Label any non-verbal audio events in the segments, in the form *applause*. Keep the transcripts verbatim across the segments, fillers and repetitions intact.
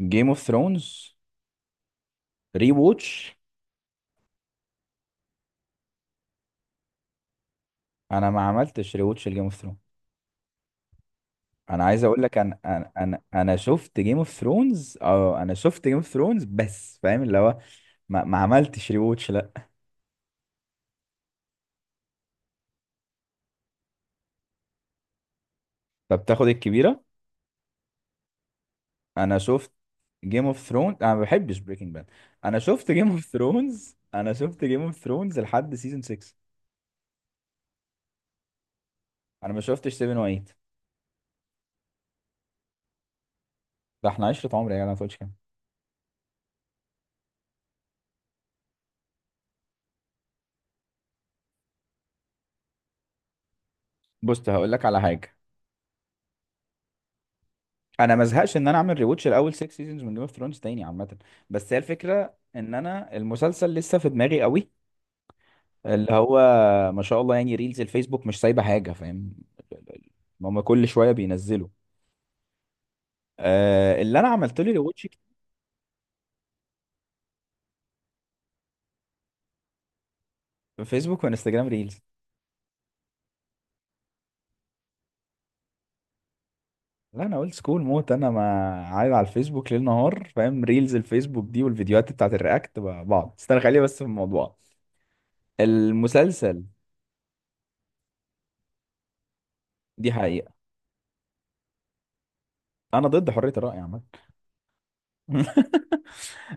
جيم اوف ثرونز ري ووتش. انا ما عملتش ري ووتش لجيم اوف ثرونز. انا عايز اقول لك، انا انا انا انا شفت جيم اوف ثرونز. اه انا شفت جيم اوف ثرونز بس فاهم اللي هو. ما, ما عملتش ري ووتش، لا. طب تاخد الكبيره. انا شفت جيم اوف ثرونز، انا ما بحبش بريكنج باد. انا شفت جيم اوف ثرونز، انا شفت جيم اوف ثرونز لحد سيزون ستة. انا ما شفتش سبعة وثمانية. ده احنا عشرة عمر يا جدع، ما تقولش كده. بص هقول لك على حاجه. انا ما ازهقش ان انا اعمل ريوتش الاول ستة سيزونز من جيم اوف ثرونز تاني عامه. بس هي الفكره ان انا المسلسل لسه في دماغي قوي. اللي هو ما شاء الله يعني ريلز الفيسبوك مش سايبه حاجه، فاهم. هم كل شويه بينزلوا. آه، اللي انا عملت له ريوتش في فيسبوك وانستجرام ريلز. لا، انا اولد سكول موت. انا ما عايز على الفيسبوك ليل نهار، فاهم؟ ريلز الفيسبوك دي والفيديوهات بتاعت الرياكت مع بعض. استنى خليني بس في الموضوع، المسلسل. دي حقيقه. انا ضد حريه الراي عامه. *laughs*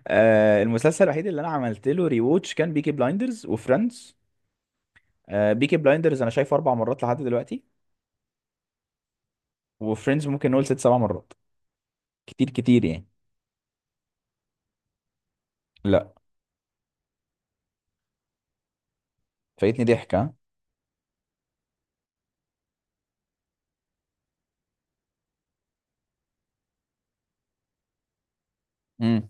آه، المسلسل الوحيد اللي انا عملت له ريووتش كان بيكي بلايندرز وفريندز. آه، بيكي بلايندرز انا شايفه اربع مرات لحد دلوقتي. وفريندز ممكن نقول ست سبع مرات. كتير كتير يعني. لا، فايتني ضحكه. امم.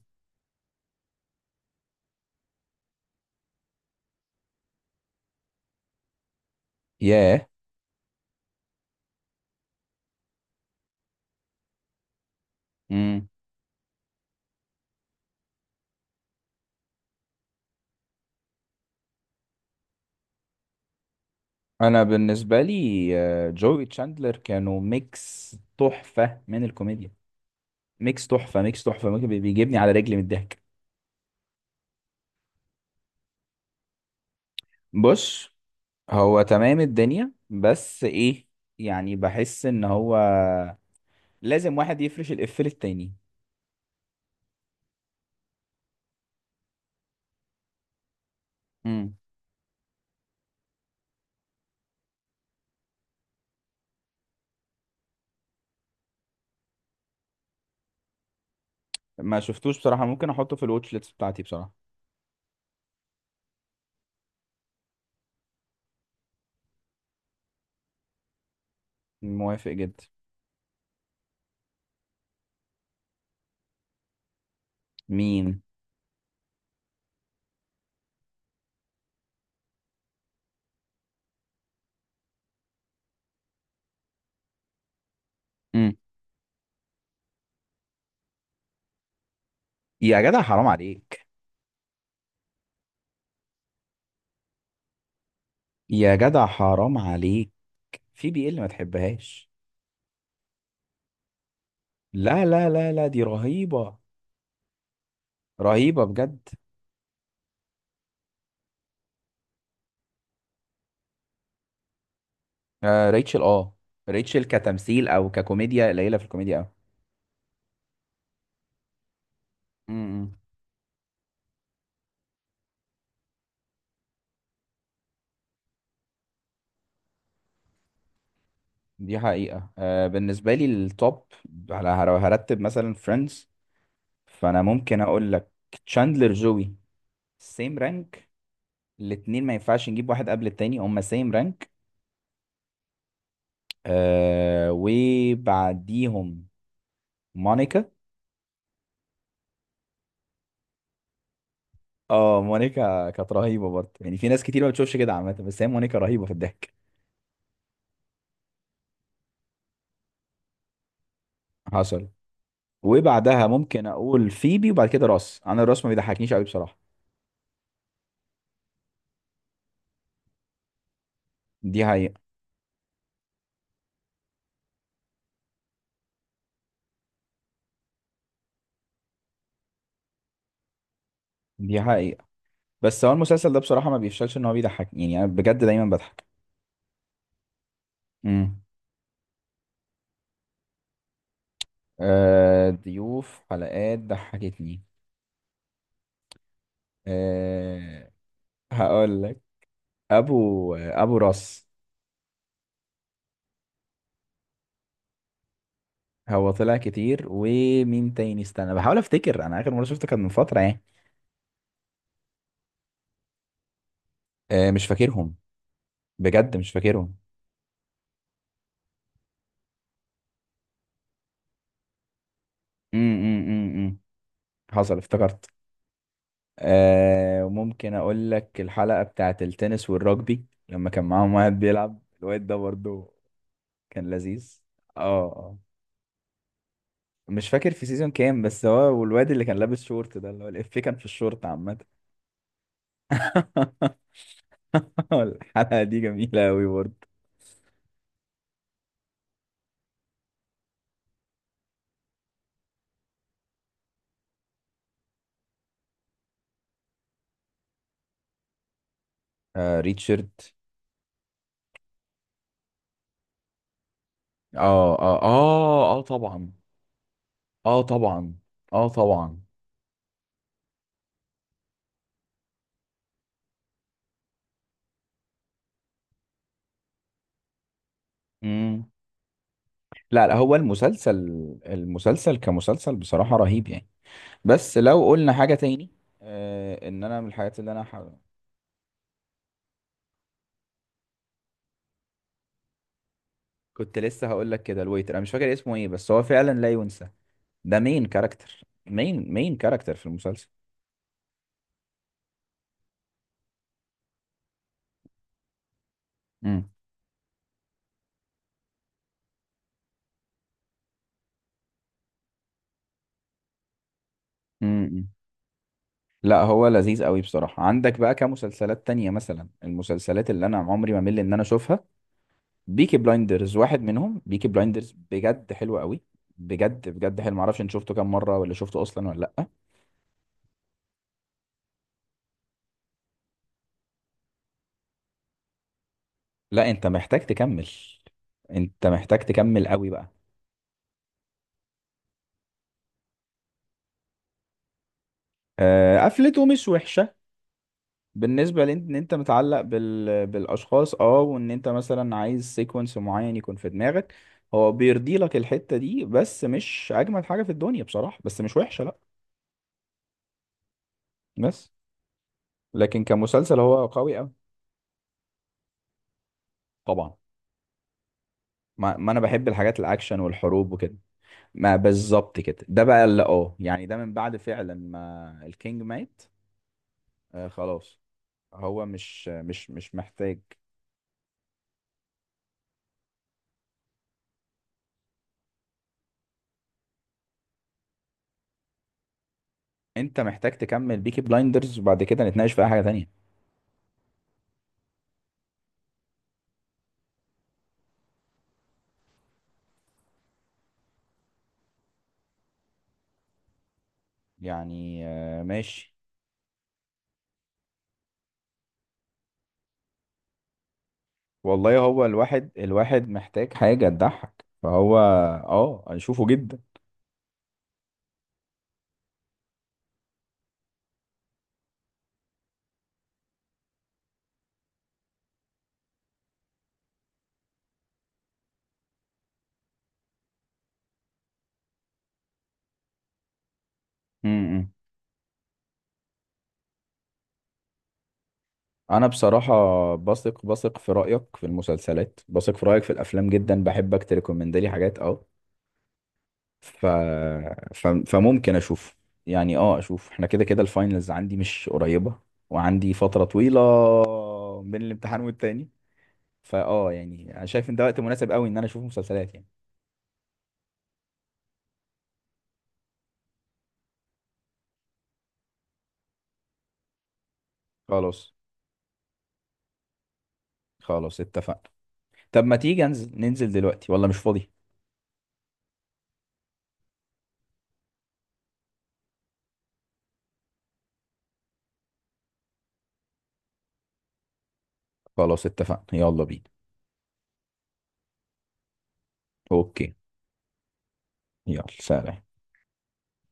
ياه. امم. انا بالنسبه لي، آه، جوي تشاندلر كانوا ميكس تحفه من الكوميديا. ميكس تحفه، ميكس تحفه، ممكن بي- بيجيبني على رجلي من الضحك. بص، هو تمام الدنيا، بس ايه، يعني بحس ان هو لازم واحد يفرش الإف للتاني. امم. ما شفتوش بصراحة. ممكن أحطه في الواتش ليست بتاعتي بصراحة. موافق جدا. مين؟ امم. يا جدع حرام عليك. يا جدع حرام عليك، في بي ال ما تحبهاش؟ لا لا لا لا، دي رهيبة. رهيبة بجد. آه ريتشل، اه. ريتشل كتمثيل أو ككوميديا قليلة في الكوميديا أوي. امم. دي حقيقة. آه، بالنسبة لي التوب، على لو هرتب مثلا فريندز، فأنا ممكن أقول لك تشاندلر، جوي، سيم رانك. الاتنين ما ينفعش نجيب واحد قبل التاني، هما سيم رانك. آه، وبعديهم مونيكا. اه، مونيكا كانت رهيبة برضه. يعني في ناس كتير ما بتشوفش كده عامة، بس هي مونيكا رهيبة في الضحك. حصل. وبعدها ممكن اقول فيبي، وبعد كده راس. انا الراس ما بيضحكنيش قوي بصراحة. دي حقيقة. دي حقيقة. بس هو المسلسل ده بصراحة ما بيفشلش ان هو بيضحك، يعني انا بجد دايما بضحك. امم. آه، ضيوف حلقات ضحكتني. آه، هقول لك، ابو آه، ابو راس. هو طلع كتير. ومين تاني؟ استنى بحاول افتكر، انا اخر مره شفته كان من فتره يعني. آه، مش فاكرهم. بجد مش فاكرهم. امم. حصل افتكرت. آه، ممكن اقول لك الحلقه بتاعت التنس والرجبي لما كان معاهم واحد بيلعب، الواد ده برضه. كان لذيذ. اه آه. مش فاكر في سيزون كام، بس هو والواد اللي كان لابس شورت ده، اللي هو الإفيه كان في الشورت عامة. *laughs* الحلقة دي جميلة أوي برضه. آه ريتشارد. اه اه اه اه طبعا. اه طبعا. اه طبعا. مم. لا لا، هو المسلسل، المسلسل كمسلسل بصراحة رهيب يعني. بس لو قلنا حاجة تاني، آه، ان انا من الحاجات اللي انا ح... كنت لسه هقول لك كده، الويتر. انا مش فاكر اسمه ايه، بس هو فعلا لا ينسى. ده مين كاركتر؟ مين مين كاركتر في المسلسل؟ مم. مم. لا، هو لذيذ قوي بصراحة. عندك بقى كمسلسلات تانية مثلا، المسلسلات اللي انا عمري ما مل ان انا اشوفها، بيكي بلايندرز واحد منهم. بيكي بلايندرز بجد حلو قوي. بجد بجد حلو. معرفش انت شفته كام مره، ولا شفته اصلا ولا لا. لا انت محتاج تكمل. انت محتاج تكمل قوي بقى. آه، قفلته مش وحشه بالنسبه لان انت متعلق بال... بالاشخاص، اه، وان انت مثلا عايز سيكونس معين يكون في دماغك. هو بيرضي لك الحته دي بس مش اجمل حاجه في الدنيا بصراحه، بس مش وحشه لا. بس لكن كمسلسل هو قوي قوي. طبعا. ما, ما انا بحب الحاجات الاكشن والحروب وكده. ما بالظبط كده، ده بقى اللي اه يعني، ده من بعد فعلا ما الكينج مات. آه خلاص، هو مش مش مش محتاج. انت محتاج تكمل بيكي بلايندرز وبعد كده نتناقش في اي حاجة تانية. يعني آه ماشي. والله هو الواحد، الواحد محتاج حاجة تضحك، فهو اه اشوفه جدا. امم. انا بصراحة بثق بثق في رأيك في المسلسلات، بثق في رأيك في الافلام جدا، بحبك تريكومند لي حاجات اه. ف... ف... فممكن اشوف يعني، اه اشوف. احنا كده كده الفاينلز عندي مش قريبة، وعندي فترة طويلة بين الامتحان والتاني، فاه يعني انا شايف ان ده وقت مناسب قوي ان انا اشوف مسلسلات يعني. خلاص. خلاص اتفقنا. طب ما تيجي انزل، ننزل دلوقتي ولا مش فاضي؟ خلاص اتفقنا، يلا بينا. اوكي، يلا سلام.